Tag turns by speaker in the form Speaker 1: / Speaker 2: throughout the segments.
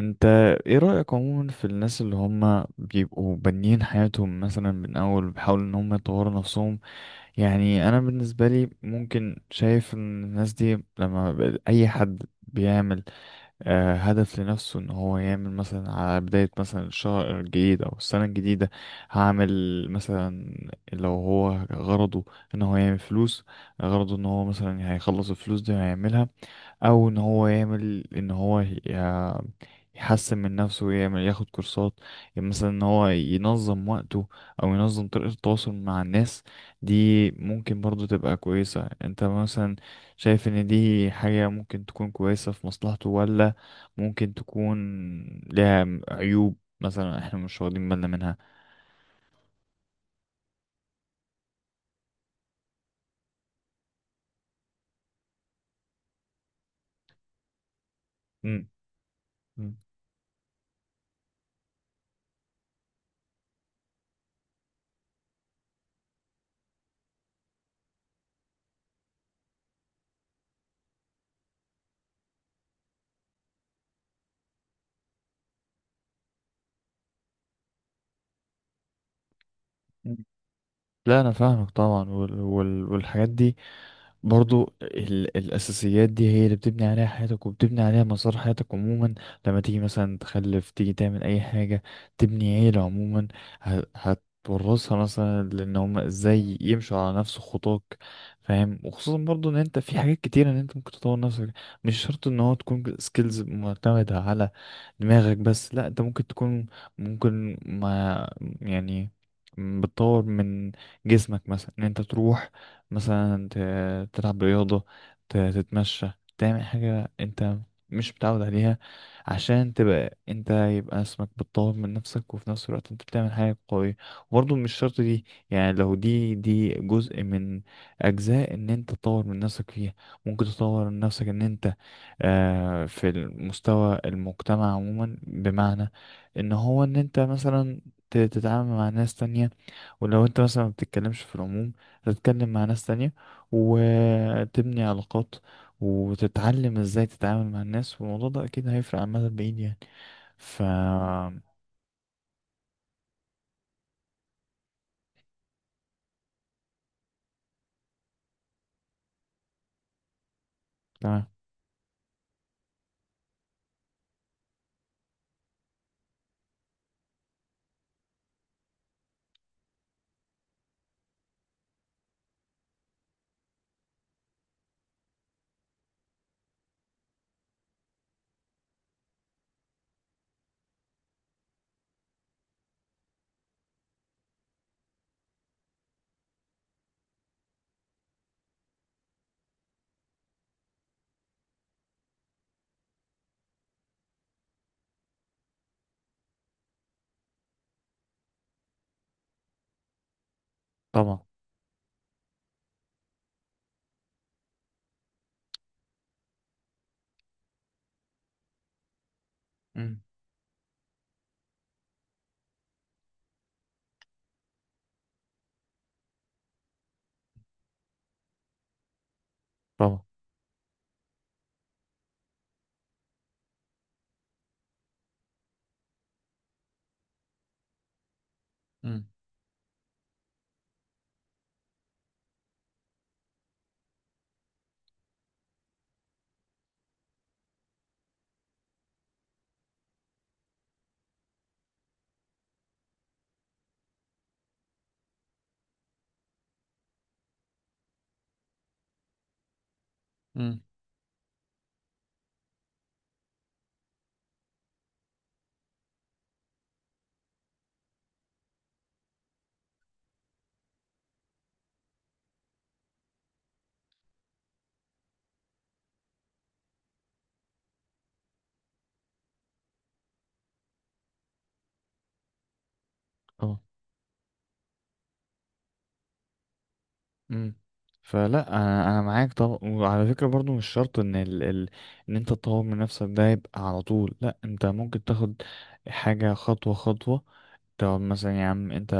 Speaker 1: انت ايه رأيك عموما في الناس اللي هم بيبقوا بانيين حياتهم مثلا من اول بيحاولوا ان هم يطوروا نفسهم؟ يعني انا بالنسبة لي ممكن شايف ان الناس دي لما اي حد بيعمل هدف لنفسه، ان هو يعمل مثلا على بداية مثلا الشهر الجديد او السنة الجديدة. هعمل مثلا، لو هو غرضه ان هو يعمل فلوس، غرضه ان هو مثلا هيخلص الفلوس دي وهيعملها، او ان هو يعمل ان هو يحسن من نفسه ويعمل ياخد كورسات. يعني مثلا ان هو ينظم وقته او ينظم طريقة التواصل مع الناس، دي ممكن برضو تبقى كويسة. انت مثلا شايف ان دي حاجة ممكن تكون كويسة في مصلحته، ولا ممكن تكون لها عيوب مثلا احنا مش واخدين بالنا منها؟ مم. مم. لا، انا فاهمك طبعا، والحاجات دي برضو. الأساسيات دي هي اللي بتبني عليها حياتك، وبتبني عليها مسار حياتك عموما. لما تيجي مثلا تخلف، تيجي تعمل أي حاجة، تبني عيلة عموما، هتورثها مثلا، لأن هما ازاي يمشوا على نفس خطاك. فاهم. وخصوصا برضو إن أنت في حاجات كتيرة إن أنت ممكن تطور نفسك، مش شرط إن هو تكون سكيلز معتمدة على دماغك بس، لأ أنت ممكن تكون، ممكن ما يعني، بتطور من جسمك مثلا، ان انت تروح مثلا تلعب رياضة، تتمشى، تعمل حاجة انت مش متعود عليها، عشان تبقى انت يبقى اسمك بتطور من نفسك، وفي نفس الوقت انت بتعمل حاجة قوية. وبرضه مش شرط دي، يعني لو دي جزء من أجزاء ان انت تطور من نفسك فيها، ممكن تطور من نفسك ان انت في المستوى المجتمع عموما، بمعنى ان هو ان انت مثلا تتعامل مع ناس تانية. ولو انت مثلا ما بتتكلمش في العموم، تتكلم مع ناس تانية، وتبني علاقات، وتتعلم ازاي تتعامل مع الناس، والموضوع ده اكيد هيفرق عن المدى البعيد يعني ف... تمام. طبعا. مم. طبعا. مم. مم. اه. امم. فلا، انا معاك طبعا، وعلى فكره برضو مش شرط ان ان انت تطور من نفسك ده يبقى على طول، لا انت ممكن تاخد حاجه خطوه خطوه. طب مثلا يا عم انت،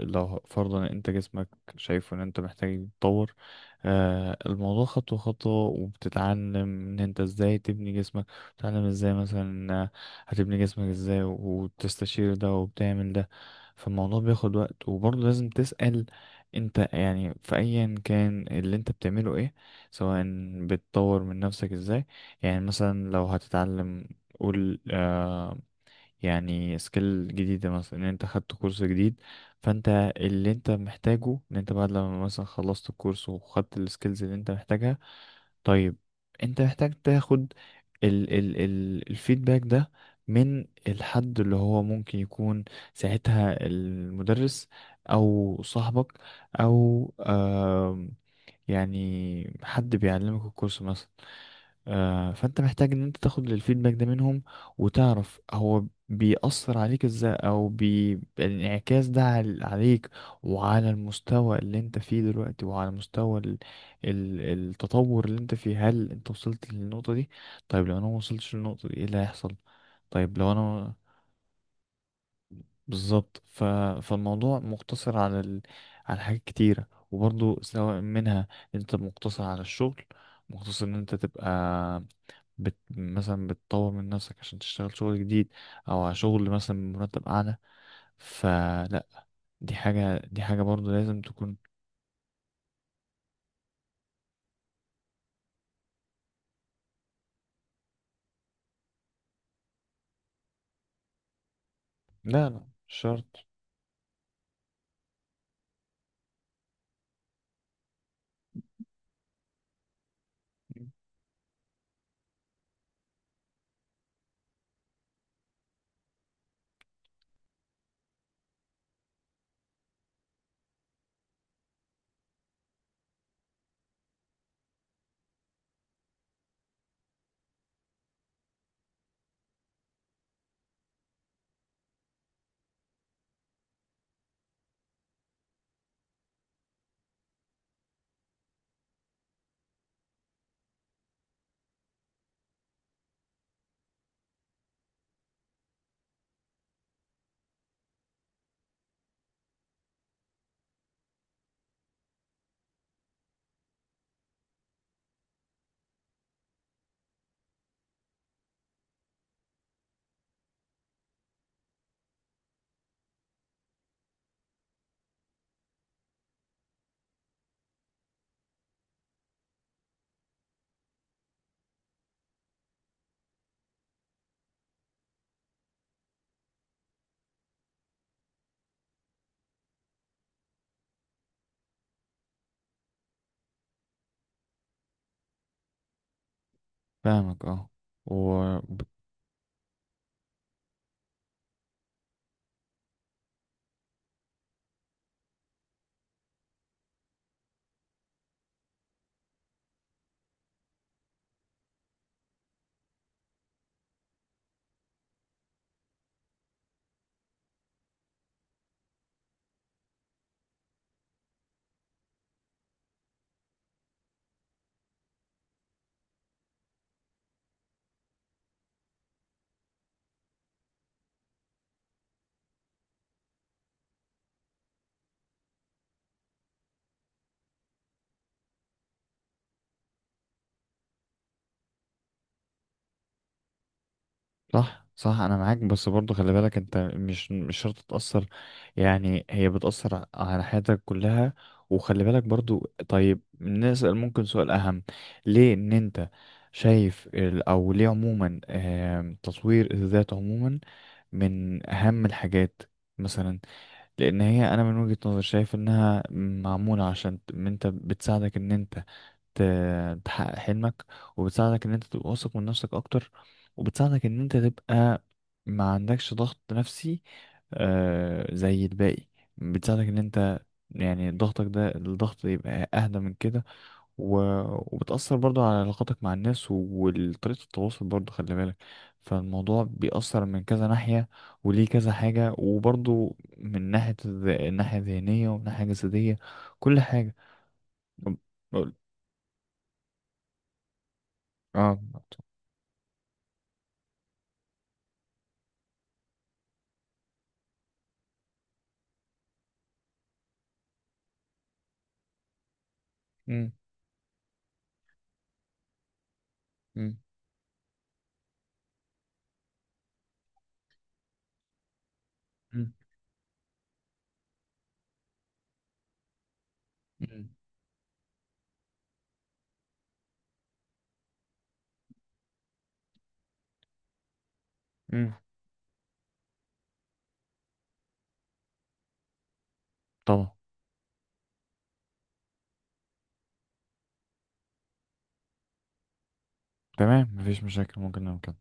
Speaker 1: لو فرضا انت جسمك شايف ان انت محتاج يتطور، الموضوع خطوة خطوة، وبتتعلم ان انت ازاي تبني جسمك، بتتعلم ازاي مثلا هتبني جسمك ازاي، وتستشير ده وبتعمل ده. فالموضوع بياخد وقت، وبرضه لازم تسأل انت، يعني في ايا كان اللي انت بتعمله، ايه سواء بتطور من نفسك ازاي؟ يعني مثلا لو هتتعلم، قول يعني سكيل جديدة مثلا، ان انت خدت كورس جديد، فانت اللي انت محتاجه ان انت بعد لما مثلا خلصت الكورس وخدت السكيلز اللي انت محتاجها. طيب، انت محتاج تاخد ال ال ال الفيدباك ده من الحد اللي هو ممكن يكون ساعتها المدرس، او صاحبك، او يعني حد بيعلمك الكورس مثلا. فانت محتاج ان انت تاخد الفيدباك ده منهم، وتعرف هو بيأثر عليك ازاي، او الانعكاس ده عليك، وعلى المستوى اللي انت فيه دلوقتي، وعلى مستوى ال... التطور اللي انت فيه، هل انت وصلت للنقطة دي؟ طيب لو انا ما وصلتش للنقطة دي، ايه اللي هيحصل؟ طيب لو انا بالظبط فالموضوع مقتصر على على حاجات كتيرة، وبرضو سواء منها، انت مقتصر على الشغل، مقتصر ان انت تبقى مثلا بتطور من نفسك عشان تشتغل شغل جديد، او على شغل مثلا بمرتب اعلى. فلا، دي حاجة، دي حاجة برضو لازم تكون. لا، لا، مش شرط. فاهمك، اه. و... صح، صح، انا معاك، بس برضو خلي بالك انت مش شرط تتأثر، يعني هي بتأثر على حياتك كلها. وخلي بالك برضو، طيب نسأل ممكن سؤال اهم، ليه ان انت شايف او ليه عموما تطوير الذات عموما من اهم الحاجات مثلا؟ لان هي انا من وجهة نظري شايف انها معمولة عشان إن انت، بتساعدك ان انت تحقق حلمك، وبتساعدك ان انت تبقى واثق من نفسك اكتر، وبتساعدك ان انت تبقى ما عندكش ضغط نفسي، زي الباقي، بتساعدك ان انت يعني ضغطك ده الضغط يبقى اهدى من كده. و... وبتأثر برضو على علاقاتك مع الناس وطريقة التواصل، برضو خلي بالك، فالموضوع بيأثر من كذا ناحية، وليه كذا حاجة، وبرضو من ناحية الناحية الذهنية، ومن ناحية جسدية، كل حاجة. أم- أقول- اه. مم. مم. مم. مم. مم. طبعا. تمام، مفيش مشاكل، ممكن نعمل كده.